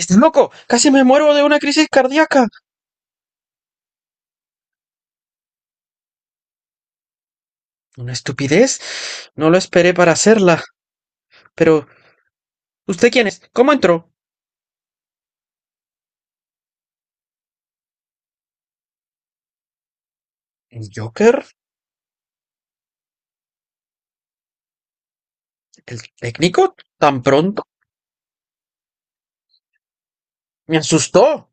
¡Estás loco! ¡Casi me muero de una crisis cardíaca! Una estupidez. No lo esperé para hacerla. Pero, ¿usted quién es? ¿Cómo entró? ¿El Joker? ¿El técnico? ¿Tan pronto? Me asustó.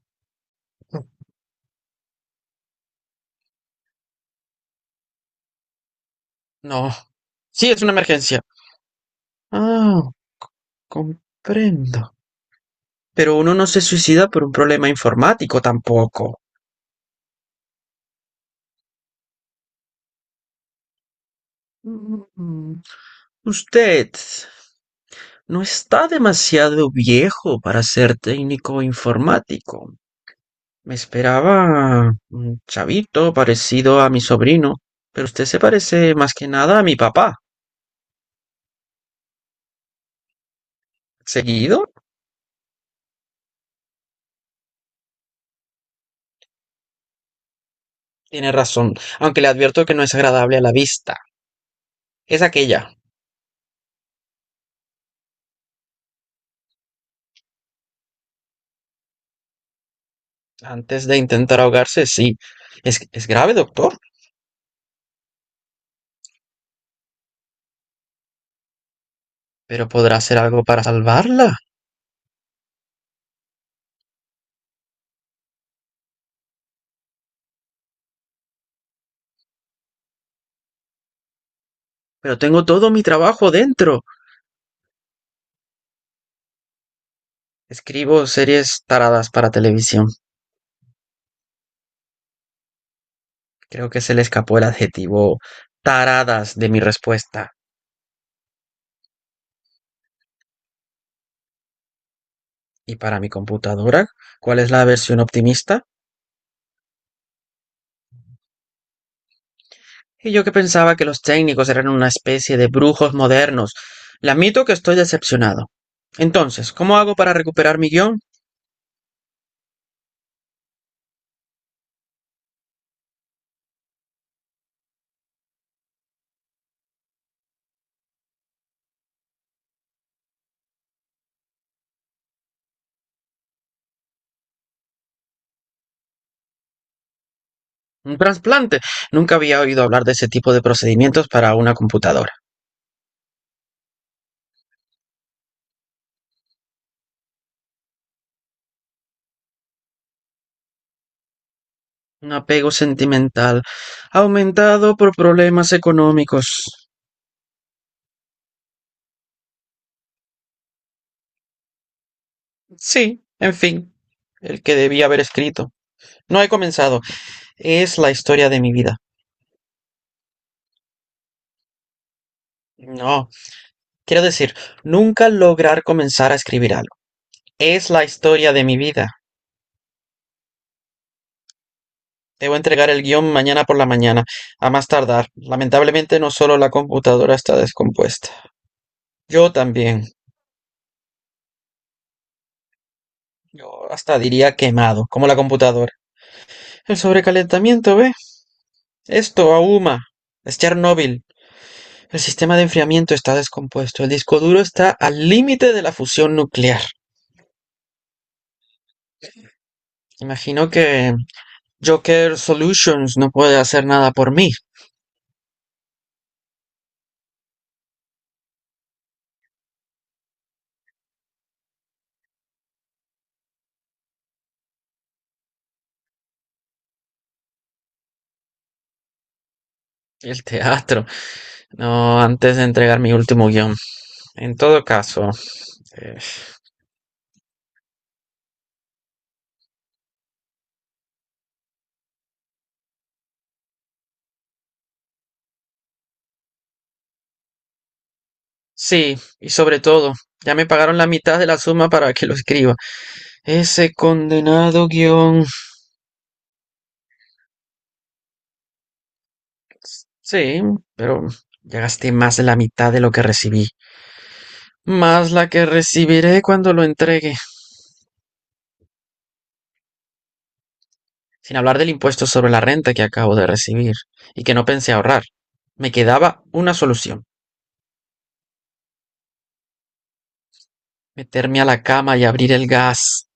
No. Sí, es una emergencia. Ah, comprendo. Pero uno no se suicida por un problema informático tampoco. Mm, Usted no está demasiado viejo para ser técnico informático. Me esperaba un chavito parecido a mi sobrino, pero usted se parece más que nada a mi papá. ¿Seguido? Tiene razón, aunque le advierto que no es agradable a la vista. Es aquella. Antes de intentar ahogarse, sí. Es grave, doctor, pero podrá hacer algo para salvarla. Pero tengo todo mi trabajo dentro. Escribo series taradas para televisión. Creo que se le escapó el adjetivo taradas de mi respuesta. ¿Y para mi computadora? ¿Cuál es la versión optimista? Y yo que pensaba que los técnicos eran una especie de brujos modernos. Le admito que estoy decepcionado. Entonces, ¿cómo hago para recuperar mi guión? Un trasplante. Nunca había oído hablar de ese tipo de procedimientos para una computadora. Un apego sentimental aumentado por problemas económicos. Sí, en fin, el que debía haber escrito. No he comenzado. Es la historia de mi vida. No, quiero decir, nunca lograr comenzar a escribir algo. Es la historia de mi vida. Debo entregar el guión mañana por la mañana, a más tardar. Lamentablemente no solo la computadora está descompuesta, yo también. Yo hasta diría quemado, como la computadora. El sobrecalentamiento, ¿ve? Esto ahuma. Es Chernóbil. El sistema de enfriamiento está descompuesto. El disco duro está al límite de la fusión nuclear. Imagino que Joker Solutions no puede hacer nada por mí. El teatro. No, antes de entregar mi último guión. En todo caso. eh, Sí, y sobre todo, ya me pagaron la mitad de la suma para que lo escriba. Ese condenado guión. Sí, pero ya gasté más de la mitad de lo que recibí, más la que recibiré cuando lo entregue, sin hablar del impuesto sobre la renta que acabo de recibir y que no pensé ahorrar. Me quedaba una solución, meterme a la cama y abrir el gas.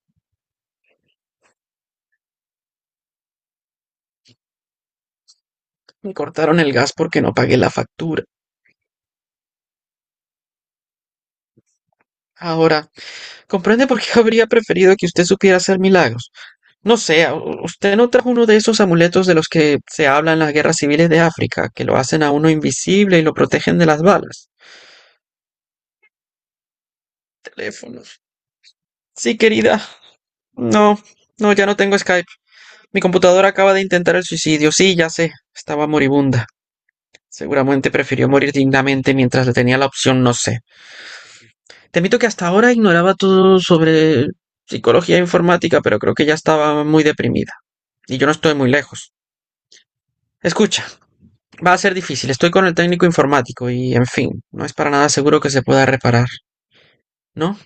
Me cortaron el gas porque no pagué la factura. Ahora, ¿comprende por qué habría preferido que usted supiera hacer milagros? No sé, ¿usted no trajo uno de esos amuletos de los que se habla en las guerras civiles de África, que lo hacen a uno invisible y lo protegen de las balas? Teléfonos. Sí, querida. No, no, ya no tengo Skype. Mi computadora acaba de intentar el suicidio. Sí, ya sé. Estaba moribunda. Seguramente prefirió morir dignamente mientras le tenía la opción, no sé. Te admito que hasta ahora ignoraba todo sobre psicología informática, pero creo que ya estaba muy deprimida. Y yo no estoy muy lejos. Escucha. Va a ser difícil, estoy con el técnico informático y, en fin, no es para nada seguro que se pueda reparar. No,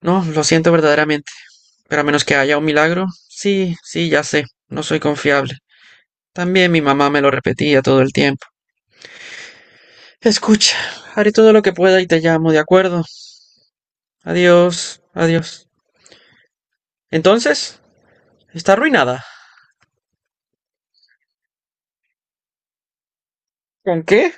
no, lo siento verdaderamente, pero a menos que haya un milagro, sí, sí, ya sé, no soy confiable. También mi mamá me lo repetía todo el tiempo. Escucha, haré todo lo que pueda y te llamo, ¿de acuerdo? Adiós, adiós. Entonces, está arruinada. ¿Con qué?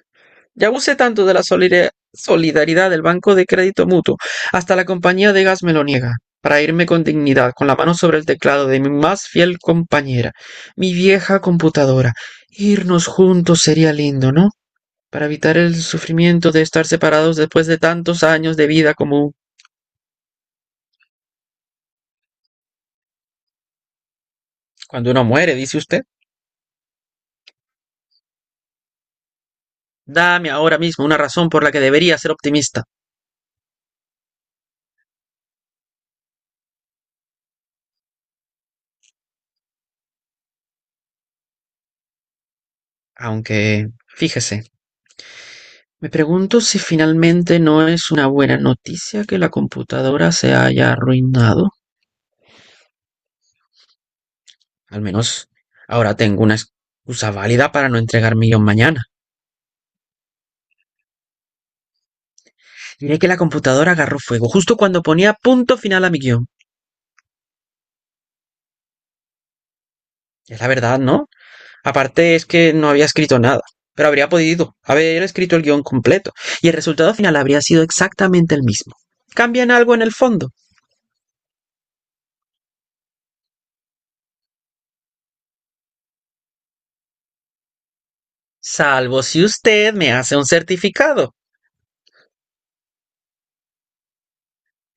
Ya abusé tanto de la solidaridad del Banco de Crédito Mutuo, hasta la compañía de gas me lo niega, para irme con dignidad, con la mano sobre el teclado de mi más fiel compañera, mi vieja computadora. Irnos juntos sería lindo, ¿no? Para evitar el sufrimiento de estar separados después de tantos años de vida común. Cuando uno muere, dice usted. Dame ahora mismo una razón por la que debería ser optimista. Aunque, fíjese, me pregunto si finalmente no es una buena noticia que la computadora se haya arruinado. Al menos ahora tengo una excusa válida para no entregar mi guión mañana. Diré que la computadora agarró fuego justo cuando ponía punto final a mi guión. Es la verdad, ¿no? Aparte es que no había escrito nada, pero habría podido haber escrito el guión completo y el resultado final habría sido exactamente el mismo. Cambian algo en el fondo, salvo si usted me hace un certificado.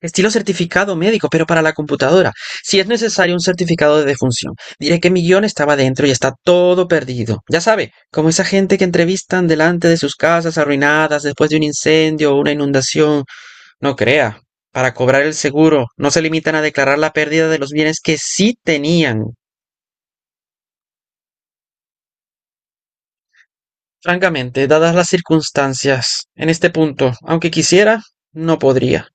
Estilo certificado médico, pero para la computadora. Si es necesario un certificado de defunción, diré que mi guión estaba dentro y está todo perdido. Ya sabe, como esa gente que entrevistan delante de sus casas arruinadas después de un incendio o una inundación. No crea. Para cobrar el seguro, no se limitan a declarar la pérdida de los bienes que sí tenían. Francamente, dadas las circunstancias, en este punto, aunque quisiera, no podría.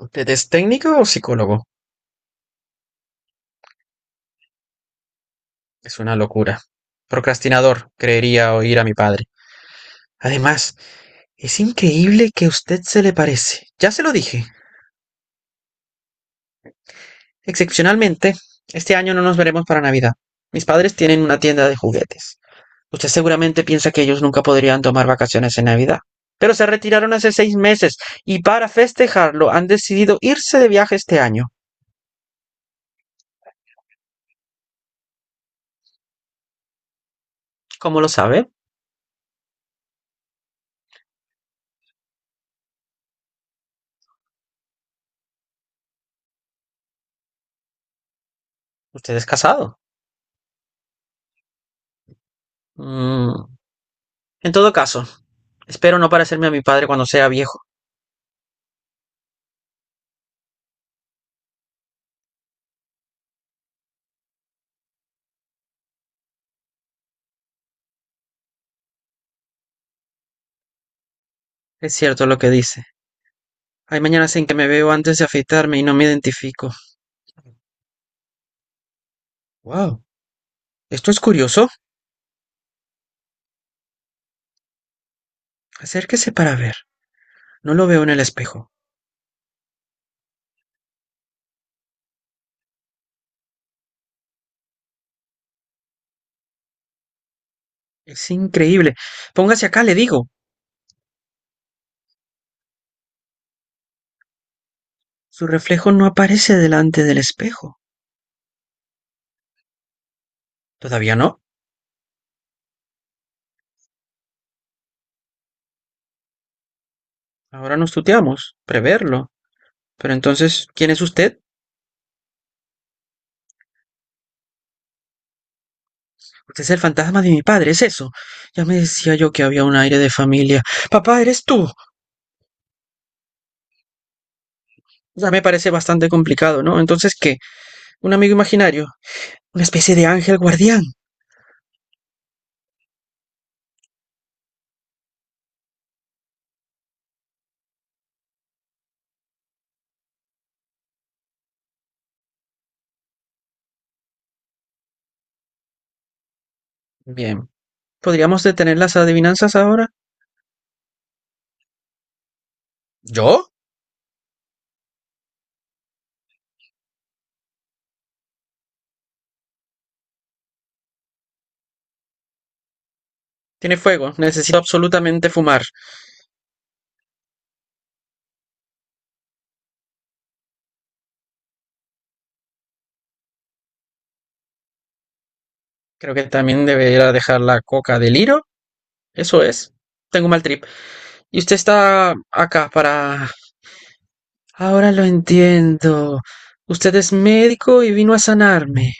¿Usted es técnico o psicólogo? Es una locura. Procrastinador, creería oír a mi padre. Además, es increíble que usted se le parece. Ya se lo dije. Excepcionalmente, este año no nos veremos para Navidad. Mis padres tienen una tienda de juguetes. Usted seguramente piensa que ellos nunca podrían tomar vacaciones en Navidad. Pero se retiraron hace 6 meses y para festejarlo han decidido irse de viaje este año. ¿Cómo lo sabe? Usted es casado. Mm. En todo caso, espero no parecerme a mi padre cuando sea viejo. Es cierto lo que dice. Hay mañanas en que me veo antes de afeitarme y no me identifico. Wow, esto es curioso. Acérquese para ver. No lo veo en el espejo. Es increíble. Póngase acá, le digo. Su reflejo no aparece delante del espejo. ¿Todavía no? Ahora nos tuteamos. Preverlo. Pero entonces, ¿quién es usted? Usted es el fantasma de mi padre, es eso. Ya me decía yo que había un aire de familia. Papá, eres tú. Ya me parece bastante complicado, ¿no? Entonces, ¿qué? ¿Un amigo imaginario? ¿Una especie de ángel guardián? Bien. ¿Podríamos detener las adivinanzas ahora? ¿Yo? Tiene fuego, necesito absolutamente fumar. Creo que también debería dejar la coca del hilo. Eso es. Tengo un mal trip. Y usted está acá para... Ahora lo entiendo. Usted es médico y vino a sanarme.